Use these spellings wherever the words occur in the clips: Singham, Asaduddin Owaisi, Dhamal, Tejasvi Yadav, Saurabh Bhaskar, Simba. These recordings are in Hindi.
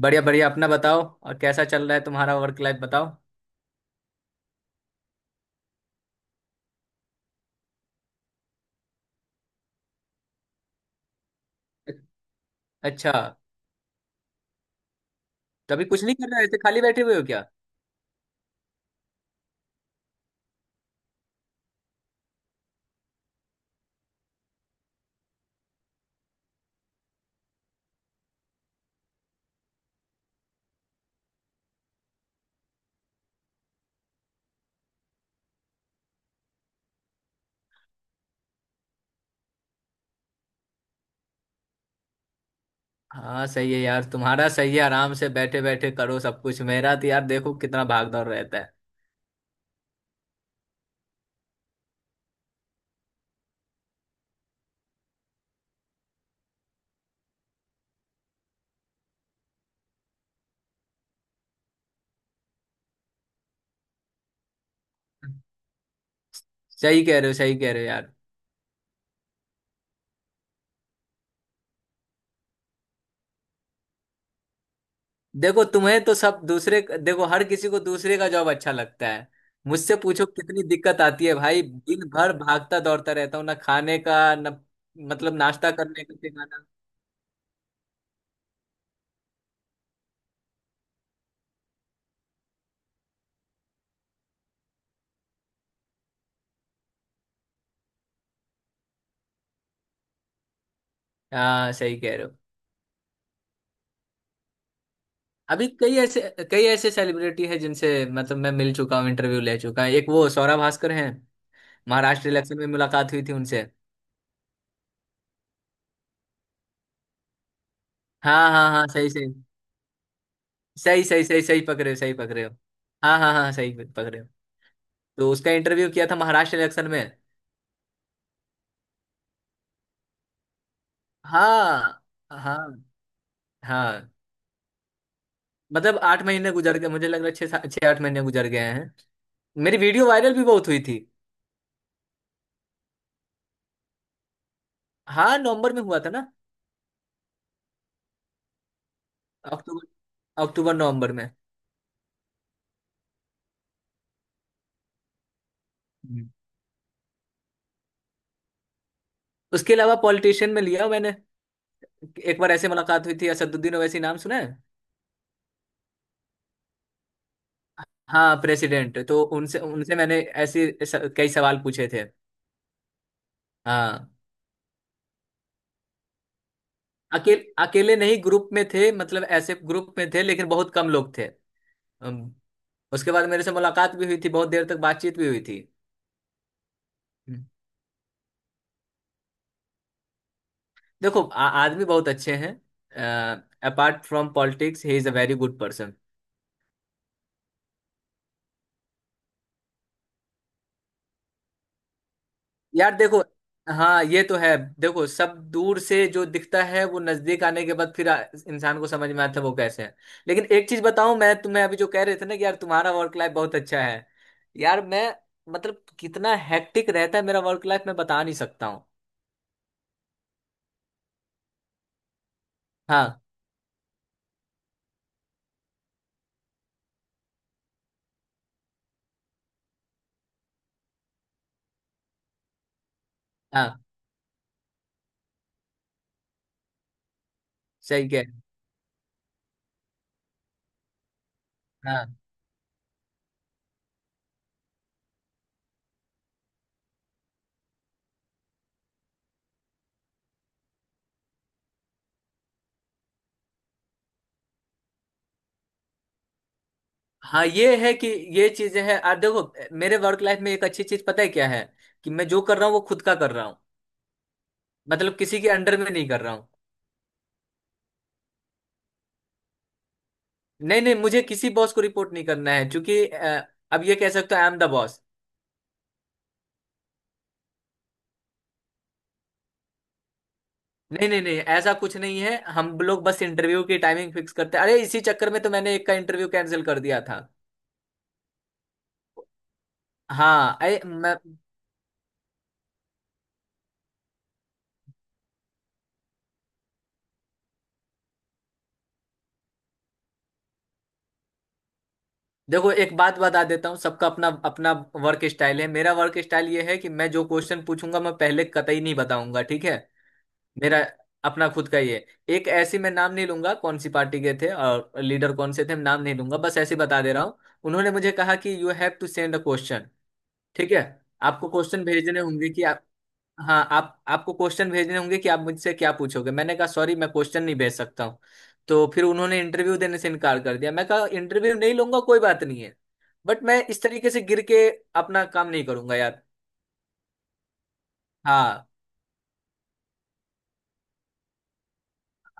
बढ़िया बढ़िया, अपना बताओ। और कैसा चल रहा है तुम्हारा वर्क लाइफ? बताओ। अच्छा, तभी कुछ नहीं कर रहे? ऐसे खाली बैठे हुए हो क्या? हाँ सही है यार, तुम्हारा सही है। आराम से बैठे बैठे करो सब कुछ। मेरा तो यार देखो कितना भाग दौड़ रहता है। सही कह रहे हो, सही कह रहे हो यार। देखो तुम्हें तो सब दूसरे, देखो हर किसी को दूसरे का जॉब अच्छा लगता है। मुझसे पूछो कितनी दिक्कत आती है भाई। दिन भर भागता दौड़ता रहता हूँ, ना खाने का ना मतलब नाश्ता करने का ठिकाना। हाँ, सही कह रहे हो। अभी कई ऐसे सेलिब्रिटी हैं जिनसे मतलब मैं मिल चुका हूँ, इंटरव्यू ले चुका हूँ। एक वो सौरभ भास्कर हैं। महाराष्ट्र इलेक्शन में मुलाकात हुई थी उनसे। हाँ हाँ हाँ, सही सही। सही सही, सही सही पकड़े हो, सही पकड़े हो। हाँ हाँ हाँ, सही पकड़े हो। तो उसका इंटरव्यू किया था महाराष्ट्र इलेक्शन में। हाँ हाँ हाँ। मतलब आठ महीने गुजर गए मुझे लग रहा है। छः आठ महीने गुजर गए हैं। मेरी वीडियो वायरल भी बहुत हुई थी। हाँ, नवंबर में हुआ था ना। अक्टूबर, अक्टूबर नवंबर में। हम्म। उसके अलावा पॉलिटिशियन में लिया मैंने। एक बार ऐसे मुलाकात हुई थी। असदुद्दीन ओवैसी नाम सुना है? हाँ, प्रेसिडेंट। तो उनसे उनसे मैंने ऐसे कई सवाल पूछे थे। हाँ। अकेले अकेले नहीं, ग्रुप में थे। मतलब ऐसे ग्रुप में थे लेकिन बहुत कम लोग थे। अम, उसके बाद मेरे से मुलाकात भी हुई थी, बहुत देर तक बातचीत भी हुई थी। हम्म। देखो आदमी बहुत अच्छे हैं। Apart from politics, he is a very good person. यार देखो, हाँ ये तो है। देखो सब दूर से जो दिखता है वो नजदीक आने के बाद फिर इंसान को समझ में आता है वो कैसे है। लेकिन एक चीज बताऊं मैं तुम्हें, अभी जो कह रहे थे ना कि यार तुम्हारा वर्क लाइफ बहुत अच्छा है। यार मैं, मतलब कितना हेक्टिक रहता है मेरा वर्क लाइफ मैं बता नहीं सकता हूँ। हाँ हाँ सही कह रहे हो। हाँ हाँ, ये है कि ये चीजें हैं। और देखो, मेरे वर्क लाइफ में एक अच्छी चीज पता है क्या है? कि मैं जो कर रहा हूँ वो खुद का कर रहा हूँ। मतलब किसी के अंडर में नहीं कर रहा हूँ। नहीं नहीं, मुझे किसी बॉस को रिपोर्ट नहीं करना है क्योंकि अब ये कह सकते हो आई एम द बॉस। नहीं नहीं नहीं, ऐसा कुछ नहीं है। हम लोग बस इंटरव्यू की टाइमिंग फिक्स करते हैं। अरे इसी चक्कर में तो मैंने एक का इंटरव्यू कैंसिल कर दिया था। हाँ अरे मैं, देखो एक बात बता देता हूँ, सबका अपना अपना वर्क स्टाइल है। मेरा वर्क स्टाइल ये है कि मैं जो क्वेश्चन पूछूंगा मैं पहले कतई नहीं बताऊंगा, ठीक है। मेरा अपना खुद का ही है। एक ऐसी, मैं नाम नहीं लूंगा कौन सी पार्टी के थे और लीडर कौन से थे, मैं नाम नहीं लूंगा, बस ऐसे ही बता दे रहा हूँ। उन्होंने मुझे कहा कि you have to send a question. ठीक है, आपको क्वेश्चन भेजने होंगे कि आप, हाँ आप आपको क्वेश्चन भेजने होंगे कि आप मुझसे क्या पूछोगे। मैंने कहा सॉरी, मैं क्वेश्चन नहीं भेज सकता हूँ। तो फिर उन्होंने इंटरव्यू देने से इनकार कर दिया। मैं कहा इंटरव्यू नहीं लूंगा, कोई बात नहीं है। बट मैं इस तरीके से गिर के अपना काम नहीं करूंगा यार। हाँ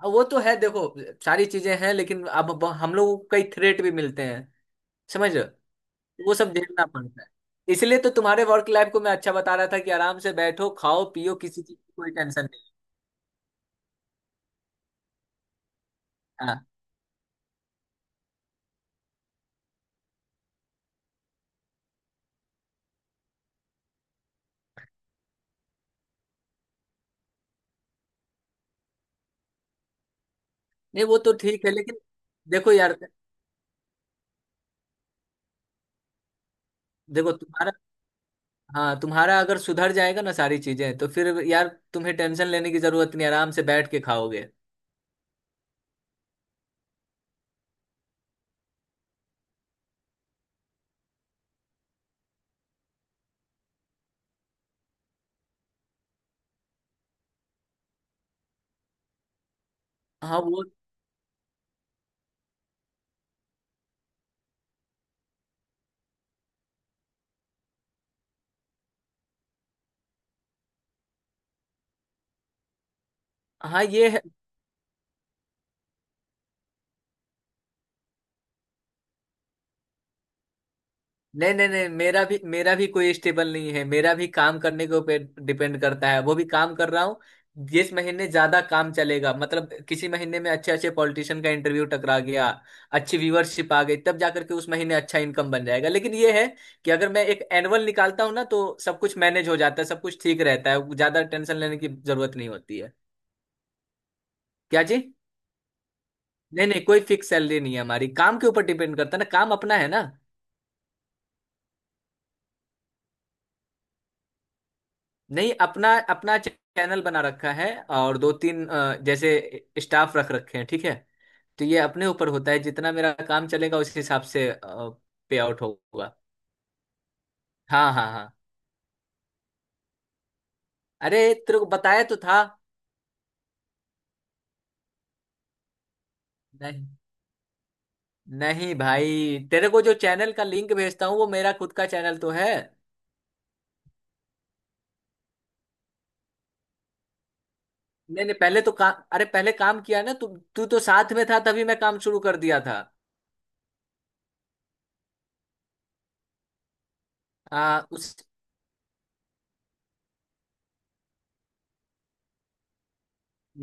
वो तो है, देखो सारी चीजें हैं लेकिन अब हम लोगों को कई थ्रेट भी मिलते हैं, समझ रहे हो? तो वो सब झेलना पड़ता है। इसलिए तो तुम्हारे वर्क लाइफ को मैं अच्छा बता रहा था कि आराम से बैठो, खाओ पियो, किसी चीज की कोई टेंशन नहीं। हाँ, नहीं वो तो ठीक है लेकिन देखो यार, देखो तुम्हारा, हाँ तुम्हारा अगर सुधर जाएगा ना सारी चीजें तो फिर यार तुम्हें टेंशन लेने की जरूरत नहीं, आराम से बैठ के खाओगे। हाँ वो, हाँ ये है। नहीं नहीं नहीं, मेरा भी कोई स्टेबल नहीं है। मेरा भी काम करने के ऊपर डिपेंड करता है, वो भी काम कर रहा हूँ। जिस महीने ज्यादा काम चलेगा, मतलब किसी महीने में अच्छे अच्छे पॉलिटिशियन का इंटरव्यू टकरा गया, अच्छी व्यूअरशिप आ गई, तब जाकर के उस महीने अच्छा इनकम बन जाएगा। लेकिन ये है कि अगर मैं एक एनुअल निकालता हूँ ना तो सब कुछ मैनेज हो जाता है, सब कुछ ठीक रहता है, ज्यादा टेंशन लेने की जरूरत नहीं होती है। क्या जी? नहीं नहीं, कोई फिक्स सैलरी नहीं है हमारी। काम के ऊपर डिपेंड करता है ना, काम अपना है ना। नहीं, अपना अपना चैनल बना रखा है। और दो तीन जैसे स्टाफ रख रखे हैं, ठीक है। तो ये अपने ऊपर होता है, जितना मेरा काम चलेगा उस हिसाब से पे आउट होगा। हाँ हाँ हाँ। अरे तेरे को बताया तो था। नहीं नहीं भाई, तेरे को जो चैनल का लिंक भेजता हूँ वो मेरा खुद का चैनल तो है। नहीं नहीं, पहले तो काम, अरे पहले काम किया ना तू। तू तो साथ में था, तभी मैं काम शुरू कर दिया था। हाँ उस,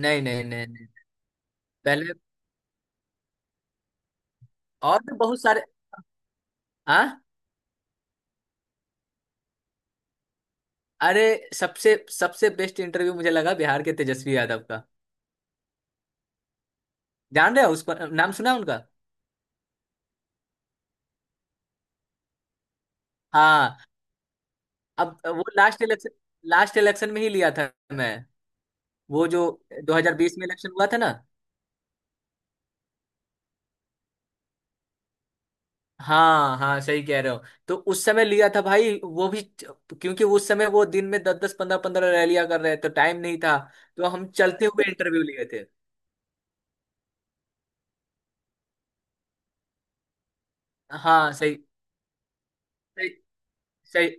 नहीं नहीं नहीं नहीं, पहले और भी बहुत सारे। हाँ। अरे सबसे सबसे बेस्ट इंटरव्यू मुझे लगा बिहार के तेजस्वी यादव का। जान रहे हो उसको? नाम सुना है उनका? हाँ, अब वो लास्ट इलेक्शन में ही लिया था मैं। वो जो 2020 में इलेक्शन हुआ था ना। हाँ हाँ, सही कह रहे हो। तो उस समय लिया था भाई वो भी, क्योंकि उस समय वो दिन में दस दस पंद्रह पंद्रह रैलियां कर रहे थे तो टाइम नहीं था। तो हम चलते हुए इंटरव्यू लिए थे। हाँ सही, सही सही,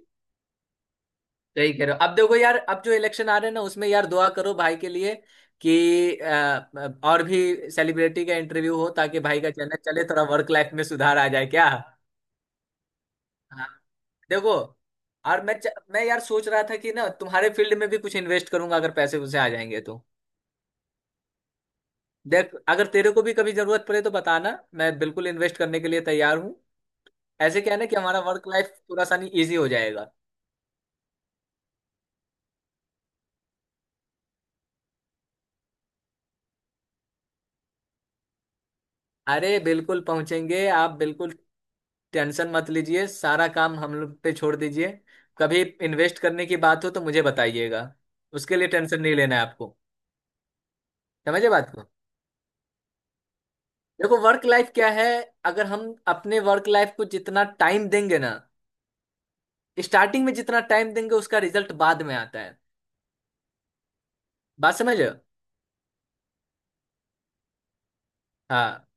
सही कह रहे हो। अब देखो यार, अब जो इलेक्शन आ रहे हैं ना उसमें यार दुआ करो भाई के लिए कि और भी सेलिब्रिटी का इंटरव्यू हो, ताकि भाई का चैनल चले, थोड़ा वर्क लाइफ में सुधार आ जाए क्या। हाँ। देखो, और मैं यार सोच रहा था कि ना तुम्हारे फील्ड में भी कुछ इन्वेस्ट करूंगा अगर पैसे उसे आ जाएंगे तो। देख, अगर तेरे को भी कभी जरूरत पड़े तो बताना, मैं बिल्कुल इन्वेस्ट करने के लिए तैयार हूँ। ऐसे क्या है ना कि हमारा वर्क लाइफ थोड़ा सा नहीं, ईजी हो जाएगा। अरे बिल्कुल पहुंचेंगे आप, बिल्कुल। टेंशन मत लीजिए, सारा काम हम लोग पे छोड़ दीजिए। कभी इन्वेस्ट करने की बात हो तो मुझे बताइएगा। उसके लिए टेंशन नहीं लेना है आपको। समझे बात को? देखो वर्क लाइफ क्या है। अगर हम अपने वर्क लाइफ को जितना टाइम देंगे ना, स्टार्टिंग में जितना टाइम देंगे उसका रिजल्ट बाद में आता है। बात समझ रहे हो? हाँ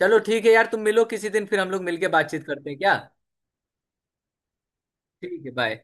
चलो, ठीक है यार। तुम मिलो किसी दिन फिर हम लोग मिलके बातचीत करते हैं क्या। ठीक है, बाय।